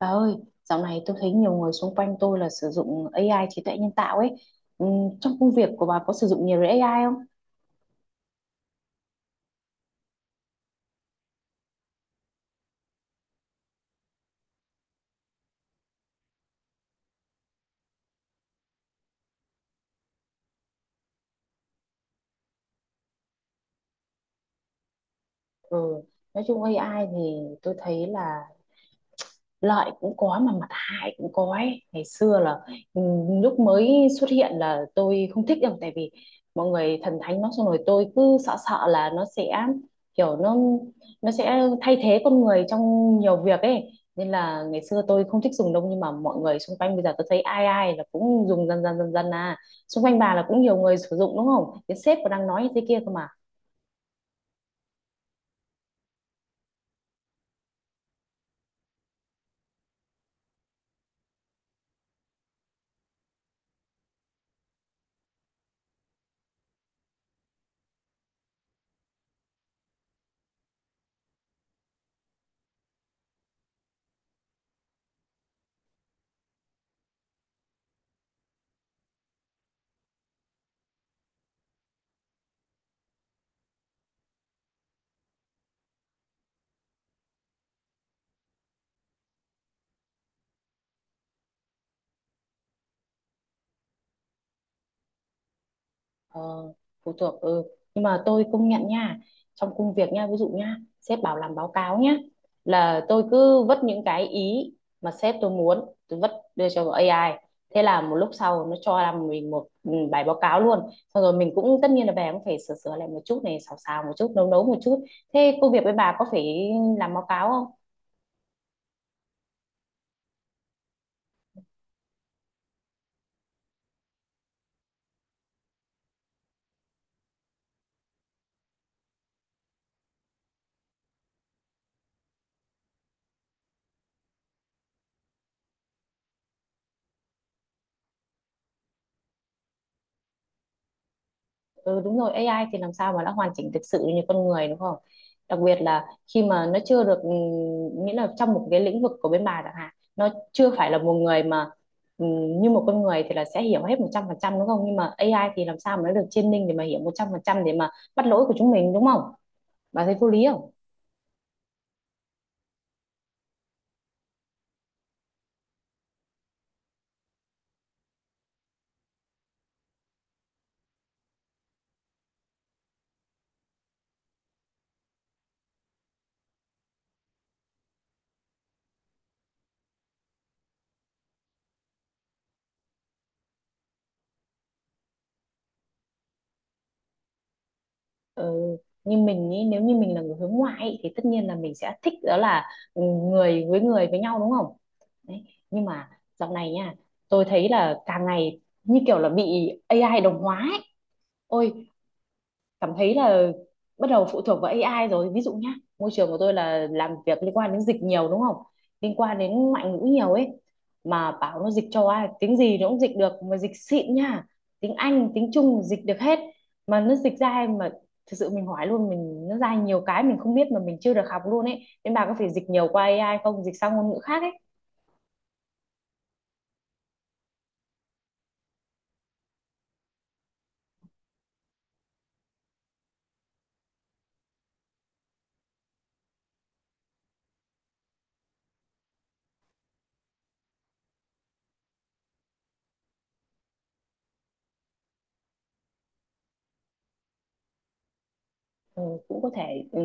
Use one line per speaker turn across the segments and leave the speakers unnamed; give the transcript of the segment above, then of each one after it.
Bà ơi, dạo này tôi thấy nhiều người xung quanh tôi là sử dụng AI trí tuệ nhân tạo ấy. Ừm, Trong công việc của bà có sử dụng nhiều AI không? Ừ, nói chung AI thì tôi thấy là lợi cũng có mà mặt hại cũng có ấy. Ngày xưa là ừ, lúc mới xuất hiện là tôi không thích đâu, tại vì mọi người thần thánh nó xong rồi tôi cứ sợ sợ là nó sẽ kiểu nó sẽ thay thế con người trong nhiều việc ấy, nên là ngày xưa tôi không thích dùng đâu. Nhưng mà mọi người xung quanh bây giờ tôi thấy ai ai là cũng dùng dần dần dần dần à. Xung quanh bà là cũng nhiều người sử dụng đúng không, cái sếp còn đang nói như thế kia cơ mà. Ờ, phụ thuộc ừ. Nhưng mà tôi công nhận nha, trong công việc nha, ví dụ nha, sếp bảo làm báo cáo nhá, là tôi cứ vất những cái ý mà sếp tôi muốn tôi vất, đưa cho AI, thế là một lúc sau nó cho làm mình một bài báo cáo luôn, xong rồi mình cũng tất nhiên là về cũng phải sửa sửa lại một chút, này xào xào một chút, nấu nấu một chút. Thế công việc với bà có phải làm báo cáo không? Ừ, đúng rồi, AI thì làm sao mà đã hoàn chỉnh thực sự như con người đúng không? Đặc biệt là khi mà nó chưa được nghĩa là trong một cái lĩnh vực của bên bà chẳng hạn, nó chưa phải là một người mà như một con người thì là sẽ hiểu hết 100% đúng không? Nhưng mà AI thì làm sao mà nó được training để mà hiểu 100% để mà bắt lỗi của chúng mình đúng không? Bà thấy vô lý không? Ừ. Như mình ý, nếu như mình là người hướng ngoại ý, thì tất nhiên là mình sẽ thích đó là người với nhau đúng không? Đấy. Nhưng mà dạo này nha, tôi thấy là càng ngày như kiểu là bị AI đồng hóa ấy. Ôi, cảm thấy là bắt đầu phụ thuộc vào AI rồi. Ví dụ nhá, môi trường của tôi là làm việc liên quan đến dịch nhiều đúng không, liên quan đến ngoại ngữ nhiều ấy, mà bảo nó dịch cho ai tiếng gì nó cũng dịch được, mà dịch xịn nha, tiếng Anh tiếng Trung dịch được hết, mà nó dịch ra em mà thực sự mình hỏi luôn mình, nó ra nhiều cái mình không biết mà mình chưa được học luôn ấy, nên bà có phải dịch nhiều qua AI không, dịch sang ngôn ngữ khác? Ừ, cũng có thể.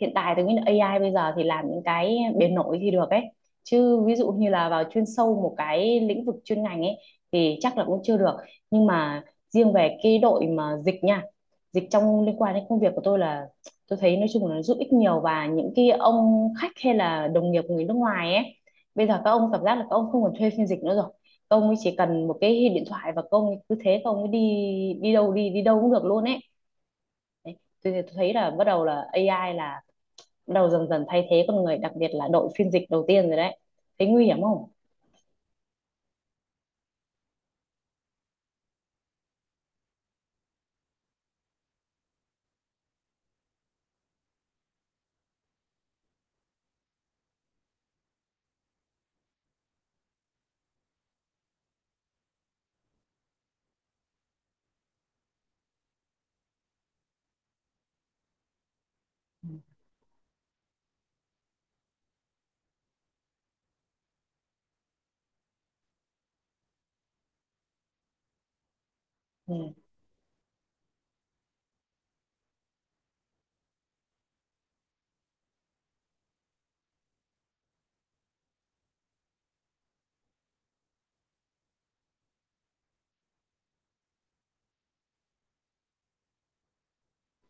Hiện tại tôi nghĩ là AI bây giờ thì làm những cái bề nổi thì được ấy, chứ ví dụ như là vào chuyên sâu một cái lĩnh vực chuyên ngành ấy thì chắc là cũng chưa được. Nhưng mà riêng về cái đội mà dịch nha, dịch trong liên quan đến công việc của tôi là tôi thấy nói chung là nó giúp ích nhiều, và những cái ông khách hay là đồng nghiệp người nước ngoài ấy, bây giờ các ông cảm giác là các ông không còn thuê phiên dịch nữa rồi, các ông ấy chỉ cần một cái điện thoại và các ông ấy cứ thế các ông ấy đi, đi đâu đi đi đâu cũng được luôn ấy. Đấy. Tôi thấy là bắt đầu là AI là bắt đầu dần dần thay thế con người, đặc biệt là đội phiên dịch đầu tiên rồi đấy, thấy nguy hiểm không? Ừ.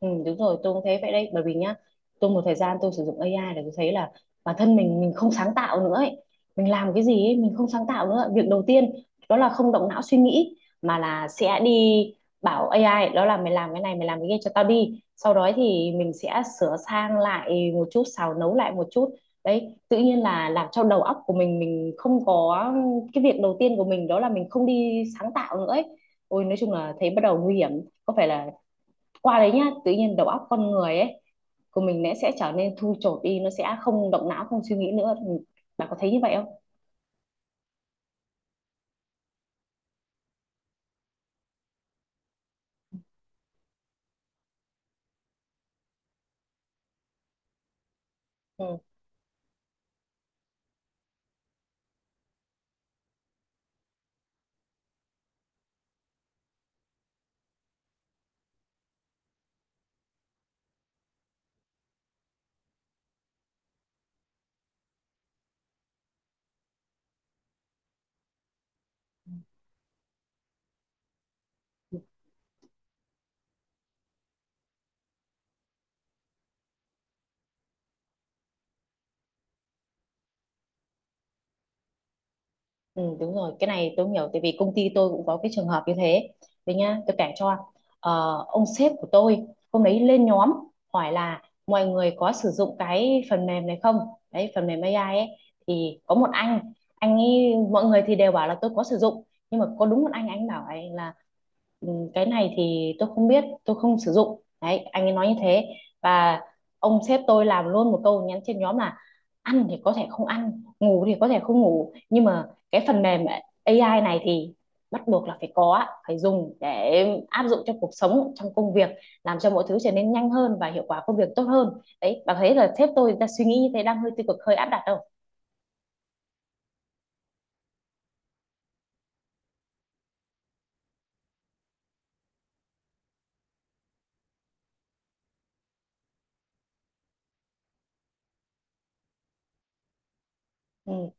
Ừ, đúng rồi, tôi cũng thấy vậy đấy, bởi vì nhá tôi một thời gian tôi sử dụng AI để tôi thấy là bản thân mình không sáng tạo nữa ấy. Mình làm cái gì ấy, mình không sáng tạo nữa, việc đầu tiên đó là không động não suy nghĩ, mà là sẽ đi bảo AI đó là mày làm cái này mày làm cái kia cho tao đi, sau đó thì mình sẽ sửa sang lại một chút, xào nấu lại một chút. Đấy, tự nhiên là làm cho đầu óc của mình không có, cái việc đầu tiên của mình đó là mình không đi sáng tạo nữa ấy. Ôi nói chung là thấy bắt đầu nguy hiểm, có phải là qua đấy nhá tự nhiên đầu óc con người ấy, của mình nó sẽ trở nên thui chột đi, nó sẽ không động não không suy nghĩ nữa. Bạn có thấy như vậy không? Ừ. Ừ, đúng rồi, cái này tôi hiểu tại vì công ty tôi cũng có cái trường hợp như thế. Đấy nhá, tôi kể cho. Ờ, ông sếp của tôi hôm đấy lên nhóm hỏi là mọi người có sử dụng cái phần mềm này không, đấy phần mềm AI ấy, thì có một anh ấy mọi người thì đều bảo là tôi có sử dụng, nhưng mà có đúng một anh bảo ấy là "Ừ, cái này thì tôi không biết tôi không sử dụng", đấy anh ấy nói như thế, và ông sếp tôi làm luôn một câu nhắn trên nhóm là ăn thì có thể không ăn, ngủ thì có thể không ngủ, nhưng mà cái phần mềm AI này thì bắt buộc là phải có, phải dùng để áp dụng trong cuộc sống trong công việc, làm cho mọi thứ trở nên nhanh hơn và hiệu quả công việc tốt hơn. Đấy, bạn thấy là sếp tôi đang suy nghĩ như thế đang hơi tiêu cực hơi áp đặt đâu. Ừ,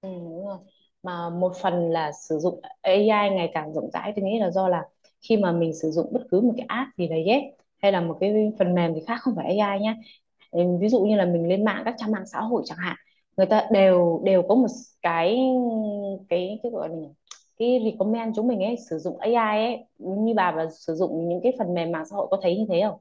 ừ, đúng rồi, mà một phần là sử dụng AI ngày càng rộng rãi tôi nghĩ là do là khi mà mình sử dụng bất cứ một cái app gì đấy ấy, hay là một cái phần mềm thì khác không phải AI nhá. Ừ, ví dụ như là mình lên mạng các trang mạng xã hội chẳng hạn, người ta đều đều có một cái, cái gọi là cái recommend chúng mình ấy sử dụng AI ấy, như bà và sử dụng những cái phần mềm mạng xã hội có thấy như thế không?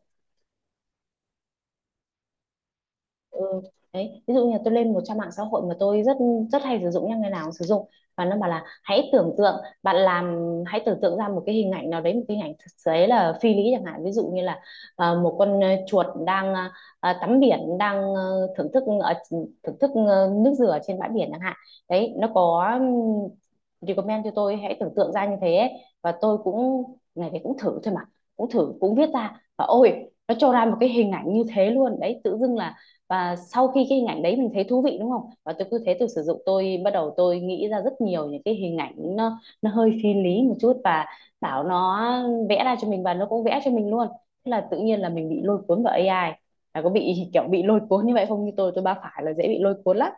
Ừ. Đấy, ví dụ như là tôi lên một trang mạng xã hội mà tôi rất rất hay sử dụng nha, ngày nào cũng sử dụng, và nó bảo là hãy tưởng tượng bạn làm, hãy tưởng tượng ra một cái hình ảnh nào đấy, một cái hình ảnh thực tế là phi lý chẳng hạn, ví dụ như là một con chuột đang tắm biển đang thưởng thức ở thưởng thức nước dừa trên bãi biển chẳng hạn. Đấy, nó có recommend cho tôi hãy tưởng tượng ra như thế ấy. Và tôi cũng ngày đấy cũng thử thôi mà, cũng thử cũng viết ra và ôi, nó cho ra một cái hình ảnh như thế luôn đấy tự dưng là. Và sau khi cái hình ảnh đấy mình thấy thú vị đúng không, và tôi cứ thế tôi sử dụng, tôi bắt đầu tôi nghĩ ra rất nhiều những cái hình ảnh, nó hơi phi lý một chút, và bảo nó vẽ ra cho mình, và nó cũng vẽ cho mình luôn, thế là tự nhiên là mình bị lôi cuốn vào AI. Là có bị kiểu bị lôi cuốn như vậy không, như tôi ba phải là dễ bị lôi cuốn lắm.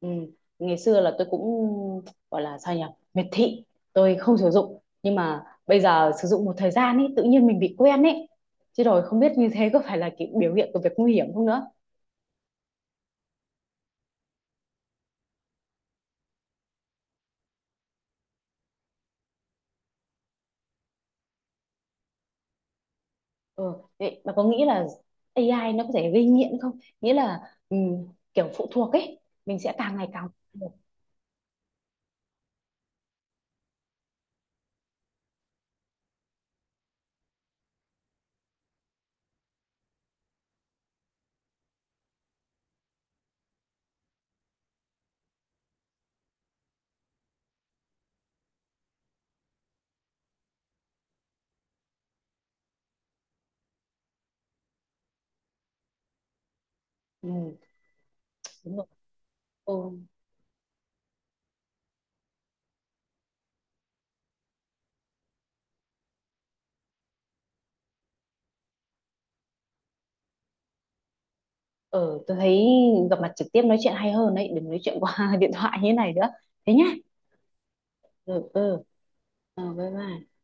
Ừ. Ngày xưa là tôi cũng gọi là sao nhỉ, miệt thị, tôi không sử dụng, nhưng mà bây giờ sử dụng một thời gian ấy tự nhiên mình bị quen ấy, chứ rồi không biết như thế có phải là cái biểu hiện của việc nguy hiểm không nữa. Ừ, vậy bà có nghĩ là AI nó có thể gây nghiện không? Nghĩa là ừ, kiểu phụ thuộc ấy, mình sẽ càng ngày càng phụ thuộc. Ừ, đúng rồi. Ừ, ừ, tôi thấy gặp mặt trực tiếp nói chuyện hay hơn đấy, đừng nói chuyện qua điện thoại như thế này nữa. Thế nhá. Ừ, ừ, ừ, bye bye.